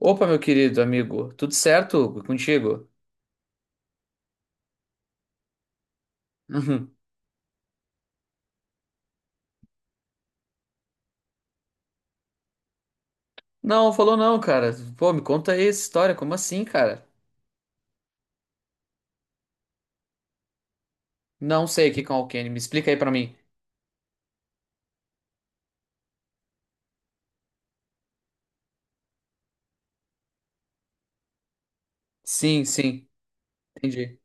Opa, meu querido amigo, tudo certo contigo? Uhum. Não, falou não, cara. Pô, me conta aí essa história, como assim, cara? Não sei o que com Alkane, me explica aí pra mim. Sim, sim, entendi.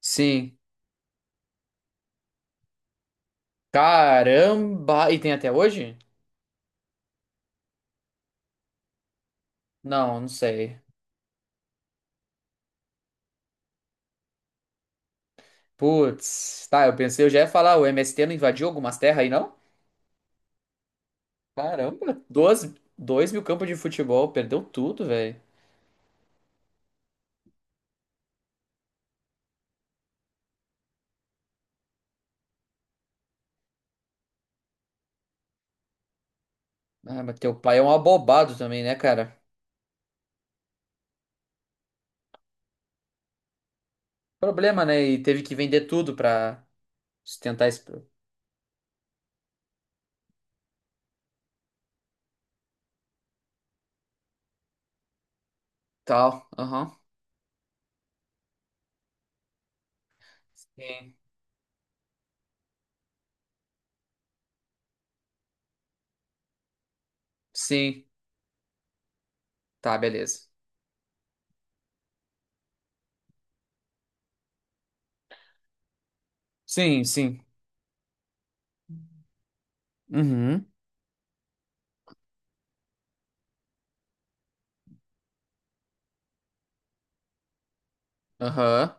Sim. Caramba! E tem até hoje? Não, não sei. Putz, tá, eu pensei, eu já ia falar, o MST não invadiu algumas terras aí, não? Caramba, 12, 2.000 campos de futebol, perdeu tudo, velho. Ah, mas teu pai é um abobado também, né, cara? Problema, né? E teve que vender tudo pra. Se tentar tal, aham. Sim. Sim. Tá, beleza. Sim, sim. Uhum. Aham.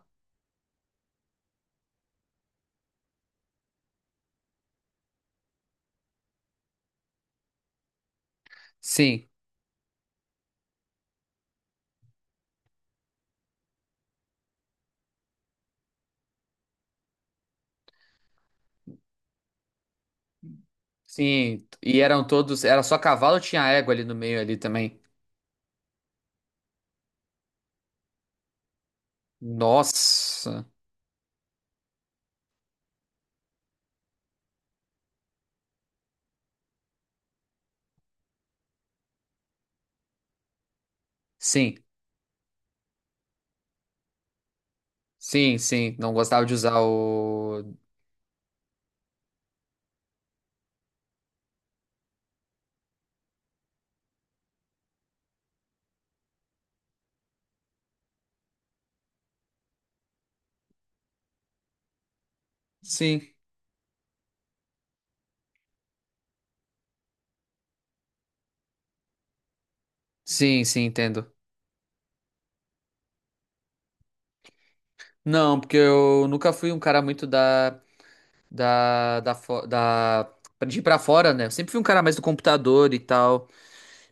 Sim. Sim. E eram todos. Era só cavalo ou tinha égua ali no meio ali também? Nossa. Sim. Sim, sim. Não gostava de usar o. Sim. Sim, sim, entendo. Não, porque eu nunca fui um cara muito da. Da. Da. fo- da... De ir pra fora, né? Eu sempre fui um cara mais do computador e tal.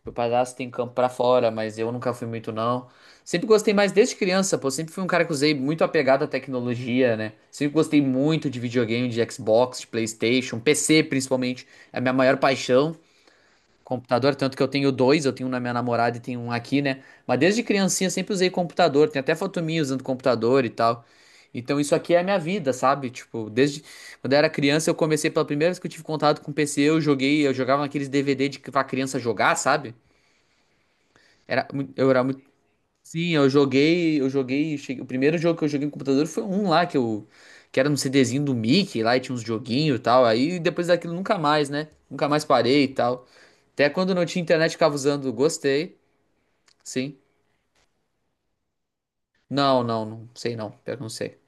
Meu padrasto tem campo pra fora, mas eu nunca fui muito, não. Sempre gostei mais desde criança, pô. Sempre fui um cara que usei muito apegado à tecnologia, né? Sempre gostei muito de videogame, de Xbox, de PlayStation, PC principalmente. É a minha maior paixão. Computador, tanto que eu tenho dois, eu tenho um na minha namorada e tenho um aqui, né? Mas desde criancinha sempre usei computador. Tem até foto minha usando computador e tal. Então isso aqui é a minha vida, sabe? Tipo, desde quando eu era criança, eu comecei pela primeira vez que eu tive contato com PC, eu joguei, eu jogava naqueles DVD de que pra criança jogar, sabe? Era, eu era muito. Sim, eu joguei, o primeiro jogo que eu joguei no computador foi um lá que era no CDzinho do Mickey, lá e tinha uns joguinhos e tal. Aí depois daquilo nunca mais, né? Nunca mais parei e tal. Até quando não tinha internet ficava usando, gostei. Sim. Não, não, não sei não, pior que não sei.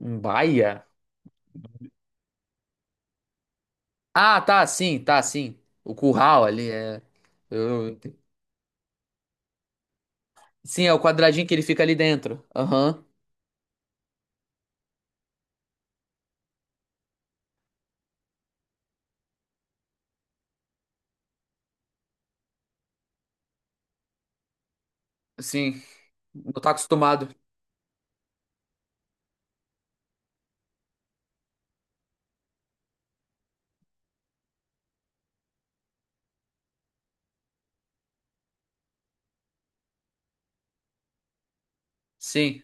Um Baia? Ah, tá, sim, tá, sim. O curral ali é eu- Sim, é o quadradinho que ele fica ali dentro. Aham. Sim. Não tá acostumado. Sim.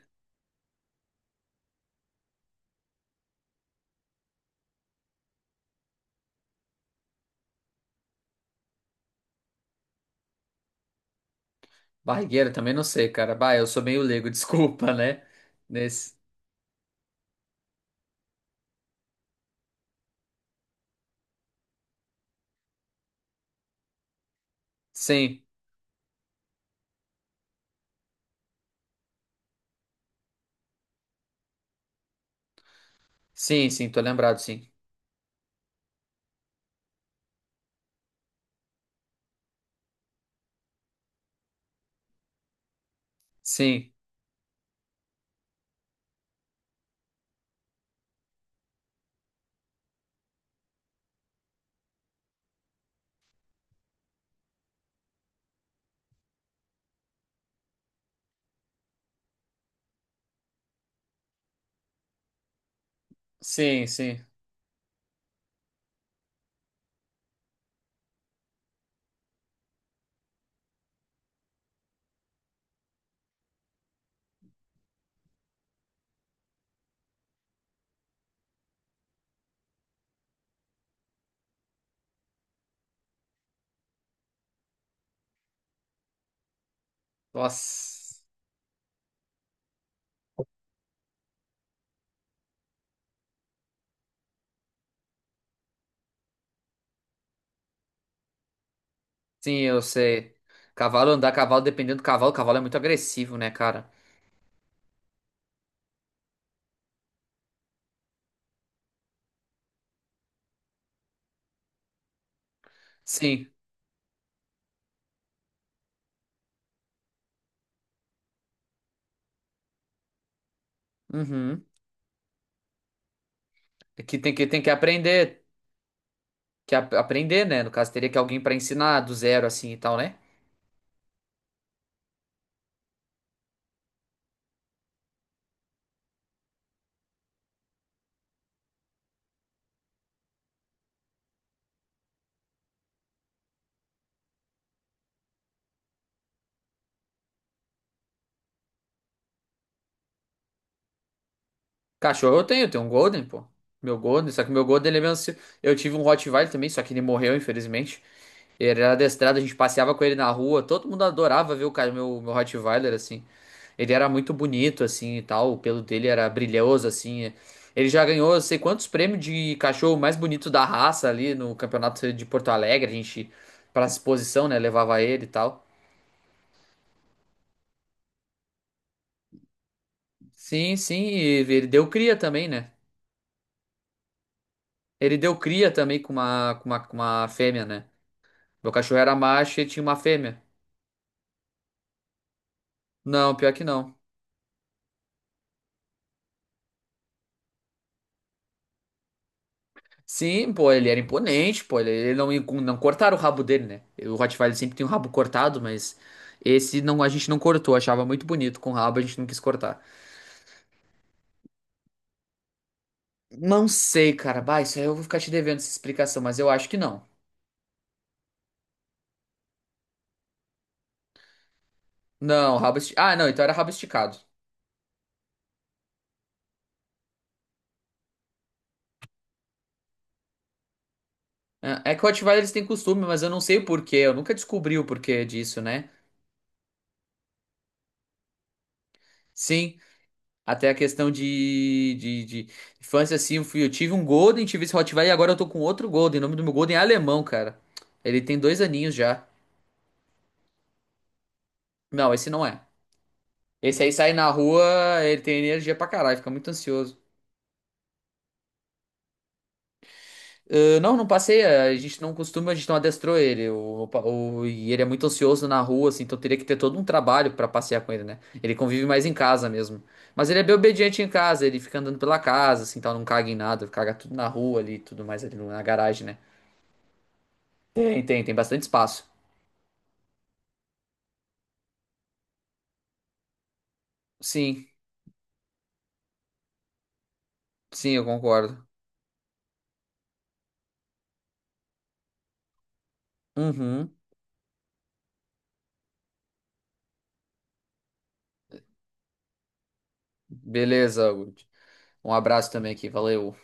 Barrigueira também não sei, cara. Bah, eu sou meio leigo, desculpa, né? Nesse... Sim, sim, sim, tô lembrado, sim. Sim, sim, sim. Nossa, sim, eu sei. Cavalo andar, cavalo, dependendo do cavalo, cavalo é muito agressivo, né, cara? Sim, uhum. É que tem que aprender, aprender, né? No caso, teria que alguém pra ensinar do zero, assim, e tal, né? Cachorro eu tenho, um Golden, pô. Meu Golden, só que meu Golden, ele é meio ansioso. Eu tive um Rottweiler também, só que ele morreu, infelizmente. Ele era adestrado, a gente passeava com ele na rua, todo mundo adorava ver o cara, meu Rottweiler, assim. Ele era muito bonito, assim, e tal, o pelo dele era brilhoso, assim. Ele já ganhou, eu sei quantos prêmios de cachorro mais bonito da raça ali no campeonato de Porto Alegre, a gente, pra exposição, né, levava ele e tal. Sim, sim, e ele deu cria também, né? Ele deu cria também com uma fêmea, né? Meu cachorro era macho e tinha uma fêmea. Não, pior que não. Sim, pô, ele era imponente, pô, ele não, não cortaram o rabo dele, né? O Rottweiler sempre tem um rabo cortado, mas esse não, a gente não cortou, achava muito bonito com o rabo, a gente não quis cortar. Não sei, cara, bah, isso aí eu vou ficar te devendo essa explicação, mas eu acho que não. Não, rabo esticado. Ah, não, então era rabo esticado. É que o Rottweiler eles têm costume, mas eu não sei o porquê, eu nunca descobri o porquê disso, né? Sim. Até a questão de infância, assim, eu tive um Golden, tive esse Rottweiler e agora eu tô com outro Golden. O nome do meu Golden é alemão, cara. Ele tem dois aninhos já. Não, esse não é. Esse aí sai na rua, ele tem energia pra caralho, fica muito ansioso. Ah, não, não passei, ah, a gente não costuma, a gente não adestrou ele. E ele é muito ansioso na rua, assim, então teria que ter todo um trabalho pra passear com ele, né? Ele convive mais em casa mesmo. Mas ele é bem obediente em casa, ele fica andando pela casa, assim, tal, não caga em nada, caga tudo na rua ali, tudo mais ali na garagem, né? Tem bastante espaço. Sim, sim, eu concordo. Uhum. Beleza, Augusto. Um abraço também aqui, valeu.